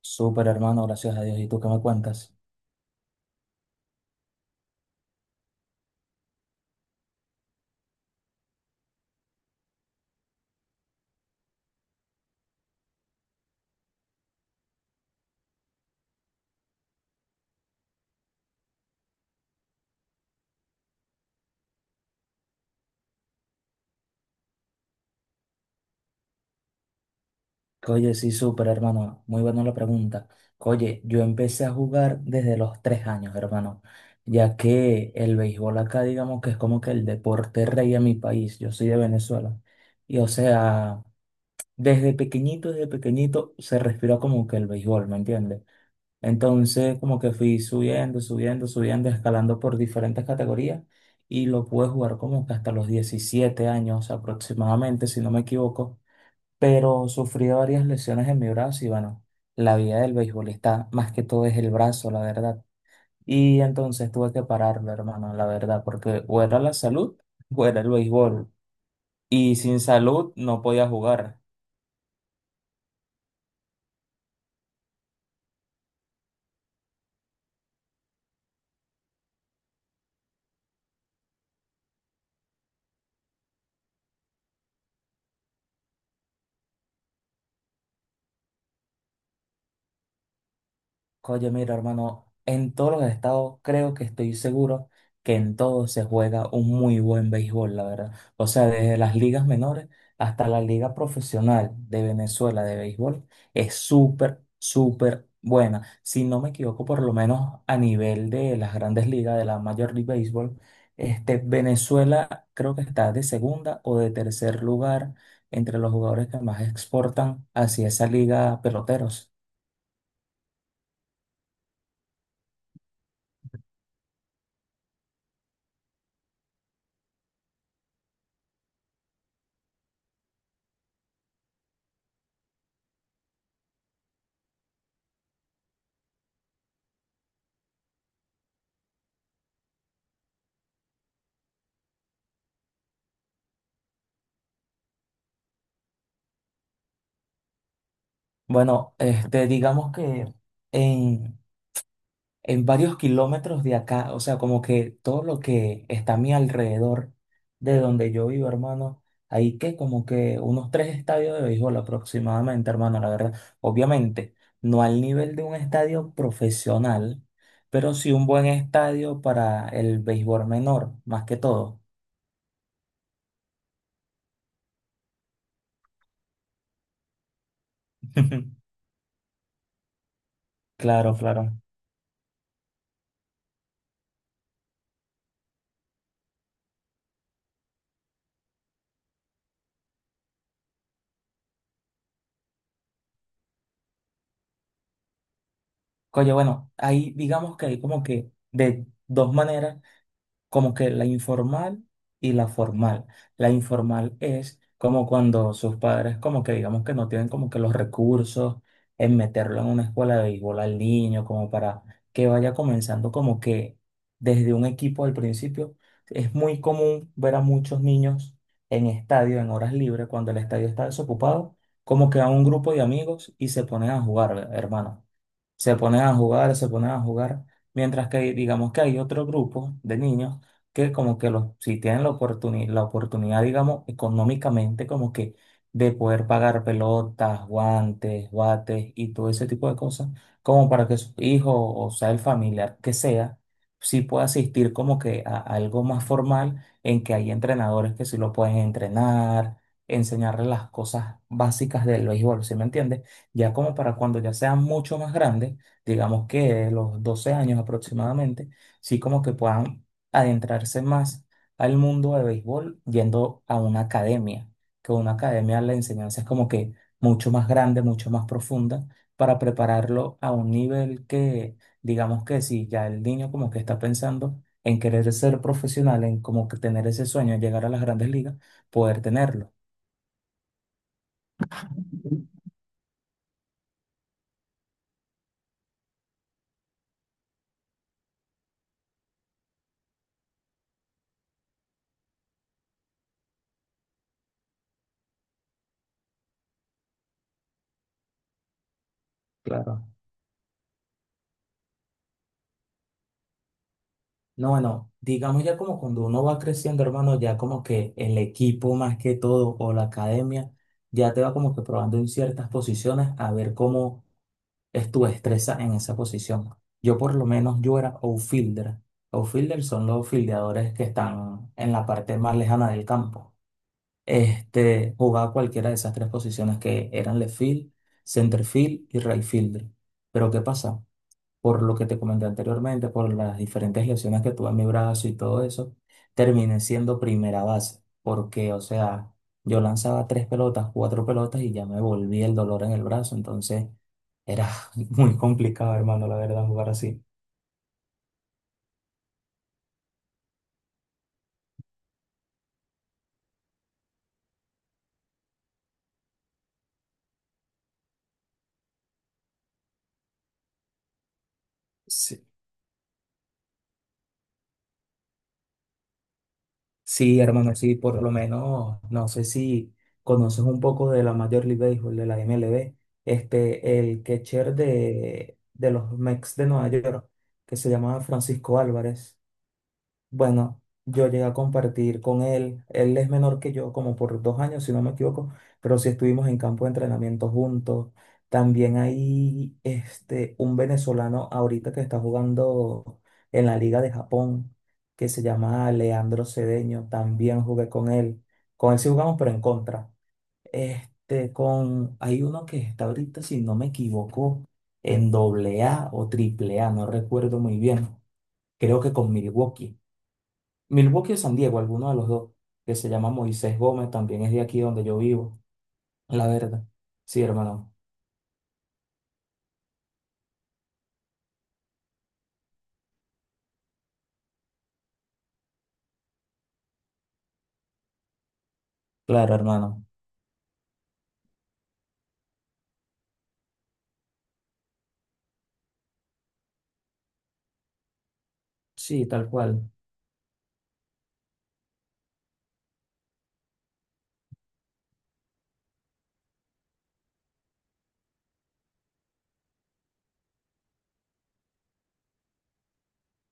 Súper hermano, gracias a Dios. ¿Y tú qué me cuentas? Oye, sí, súper hermano. Muy buena la pregunta. Oye, yo empecé a jugar desde los 3 años, hermano, ya que el béisbol acá, digamos que es como que el deporte rey en mi país. Yo soy de Venezuela. Y o sea, desde pequeñito se respira como que el béisbol, ¿me entiendes? Entonces, como que fui subiendo, subiendo, subiendo, escalando por diferentes categorías y lo pude jugar como que hasta los 17 años aproximadamente, si no me equivoco. Pero sufrí varias lesiones en mi brazo y bueno, la vida del beisbolista más que todo es el brazo, la verdad. Y entonces tuve que pararlo, hermano, la verdad, porque o era la salud o era el béisbol. Y sin salud no podía jugar. Oye, mira, hermano, en todos los estados creo que estoy seguro que en todos se juega un muy buen béisbol, la verdad. O sea, desde las ligas menores hasta la liga profesional de Venezuela de béisbol es súper, súper buena. Si no me equivoco, por lo menos a nivel de las grandes ligas de la Major League Baseball, este, Venezuela creo que está de segunda o de tercer lugar entre los jugadores que más exportan hacia esa liga peloteros. Bueno, este, digamos que en, en varios kilómetros de acá, o sea, como que todo lo que está a mi alrededor de donde yo vivo, hermano, hay que como que unos tres estadios de béisbol aproximadamente, hermano, la verdad. Obviamente, no al nivel de un estadio profesional, pero sí un buen estadio para el béisbol menor, más que todo. Claro, claro. Oye, bueno, ahí digamos que hay como que de dos maneras como que la informal y la formal. La informal es como cuando sus padres como que digamos que no tienen como que los recursos en meterlo en una escuela de béisbol al niño, como para que vaya comenzando como que desde un equipo al principio. Es muy común ver a muchos niños en estadio, en horas libres, cuando el estadio está desocupado, como que a un grupo de amigos y se ponen a jugar, hermano se ponen a jugar, se ponen a jugar, mientras que digamos que hay otro grupo de niños que como que los, si tienen la oportunidad, digamos, económicamente como que de poder pagar pelotas, guantes, bates y todo ese tipo de cosas, como para que su hijo o sea el familiar que sea, sí pueda asistir como que a algo más formal en que hay entrenadores que sí lo pueden entrenar, enseñarle las cosas básicas del béisbol, ¿sí me entiendes? Ya como para cuando ya sean mucho más grandes, digamos que los 12 años aproximadamente, sí como que puedan adentrarse más al mundo de béisbol yendo a una academia, que una academia la enseñanza es como que mucho más grande, mucho más profunda, para prepararlo a un nivel que, digamos que si ya el niño como que está pensando en querer ser profesional, en como que tener ese sueño, llegar a las grandes ligas, poder tenerlo. Claro. No, bueno, digamos ya como cuando uno va creciendo, hermano, ya como que el equipo más que todo o la academia ya te va como que probando en ciertas posiciones a ver cómo es tu destreza en esa posición. Yo por lo menos yo era outfielder. Outfielder son los fildeadores que están en la parte más lejana del campo. Este, jugaba cualquiera de esas tres posiciones que eran left field, center field y right fielder. Pero ¿qué pasa? Por lo que te comenté anteriormente, por las diferentes lesiones que tuve en mi brazo y todo eso, terminé siendo primera base, porque, o sea, yo lanzaba tres pelotas, cuatro pelotas y ya me volvía el dolor en el brazo, entonces era muy complicado, hermano, la verdad, jugar así. Sí, sí, hermano, sí, por lo menos, no sé si conoces un poco de la Major League Baseball, de la MLB, este, el catcher de los Mets de Nueva York, que se llamaba Francisco Álvarez. Bueno, yo llegué a compartir con él. Él es menor que yo, como por 2 años, si no me equivoco, pero sí estuvimos en campo de entrenamiento juntos. También hay este, un venezolano ahorita que está jugando en la Liga de Japón, que se llama Leandro Cedeño. También jugué con él. Con él sí jugamos, pero en contra. Este, con, hay uno que está ahorita, si no me equivoco, en doble A o triple A, no recuerdo muy bien. Creo que con Milwaukee. Milwaukee o San Diego, alguno de los dos, que se llama Moisés Gómez, también es de aquí donde yo vivo, la verdad. Sí, hermano. Claro, hermano. Sí, tal cual.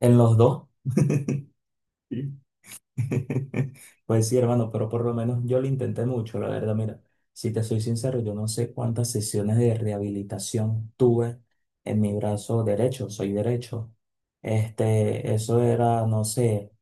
En los dos. Pues sí, hermano, pero por lo menos yo lo intenté mucho, la verdad, mira, si te soy sincero, yo no sé cuántas sesiones de rehabilitación tuve en mi brazo derecho, soy derecho. Este, eso era, no sé,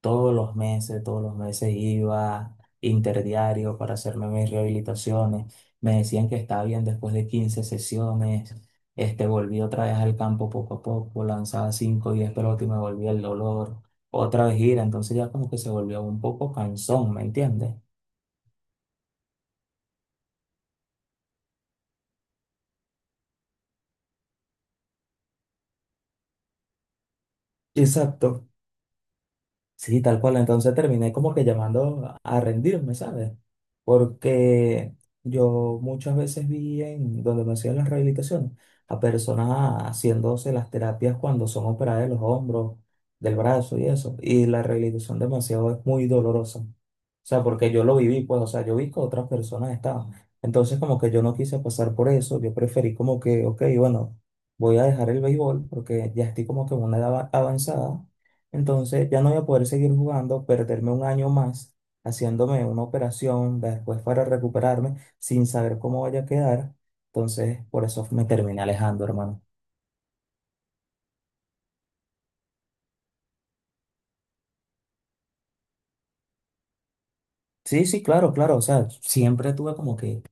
todos los meses iba interdiario para hacerme mis rehabilitaciones. Me decían que estaba bien después de 15 sesiones. Este, volví otra vez al campo poco a poco, lanzaba 5 o 10 pelotas y me volvía el dolor otra vez gira, entonces ya como que se volvió un poco cansón, ¿me entiendes? Exacto. Sí, tal cual. Entonces terminé como que llamando a rendirme, ¿sabes? Porque yo muchas veces vi en donde me hacían las rehabilitaciones a personas haciéndose las terapias cuando son operadas de los hombros, del brazo y eso. Y la rehabilitación demasiado es muy dolorosa. O sea, porque yo lo viví, pues, o sea, yo vi que otras personas estaban. Entonces, como que yo no quise pasar por eso. Yo preferí como que, ok, bueno, voy a dejar el béisbol porque ya estoy como que en una edad avanzada entonces ya no voy a poder seguir jugando, perderme un año más haciéndome una operación después para recuperarme sin saber cómo vaya a quedar. Entonces por eso me terminé alejando, hermano. Sí, sí, claro, claro. O sea, siempre tuve como que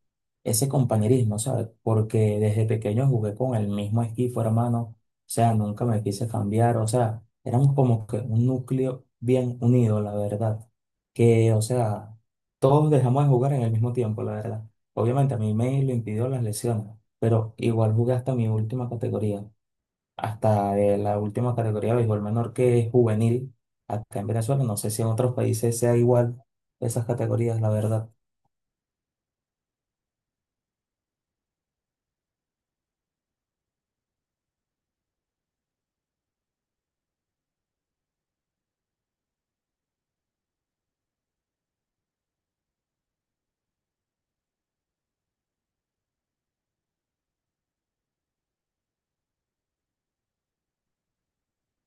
ese compañerismo, ¿sabes? Porque desde pequeño jugué con el mismo equipo, hermano. O sea, nunca me quise cambiar. O sea, éramos como que un núcleo bien unido, la verdad. Que, o sea, todos dejamos de jugar en el mismo tiempo, la verdad. Obviamente a mí me lo impidió las lesiones, pero igual jugué hasta mi última categoría, hasta de la última categoría de béisbol menor que es juvenil acá en Venezuela. No sé si en otros países sea igual esas categorías, la verdad.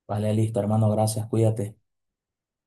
Vale, listo, hermano, gracias, cuídate.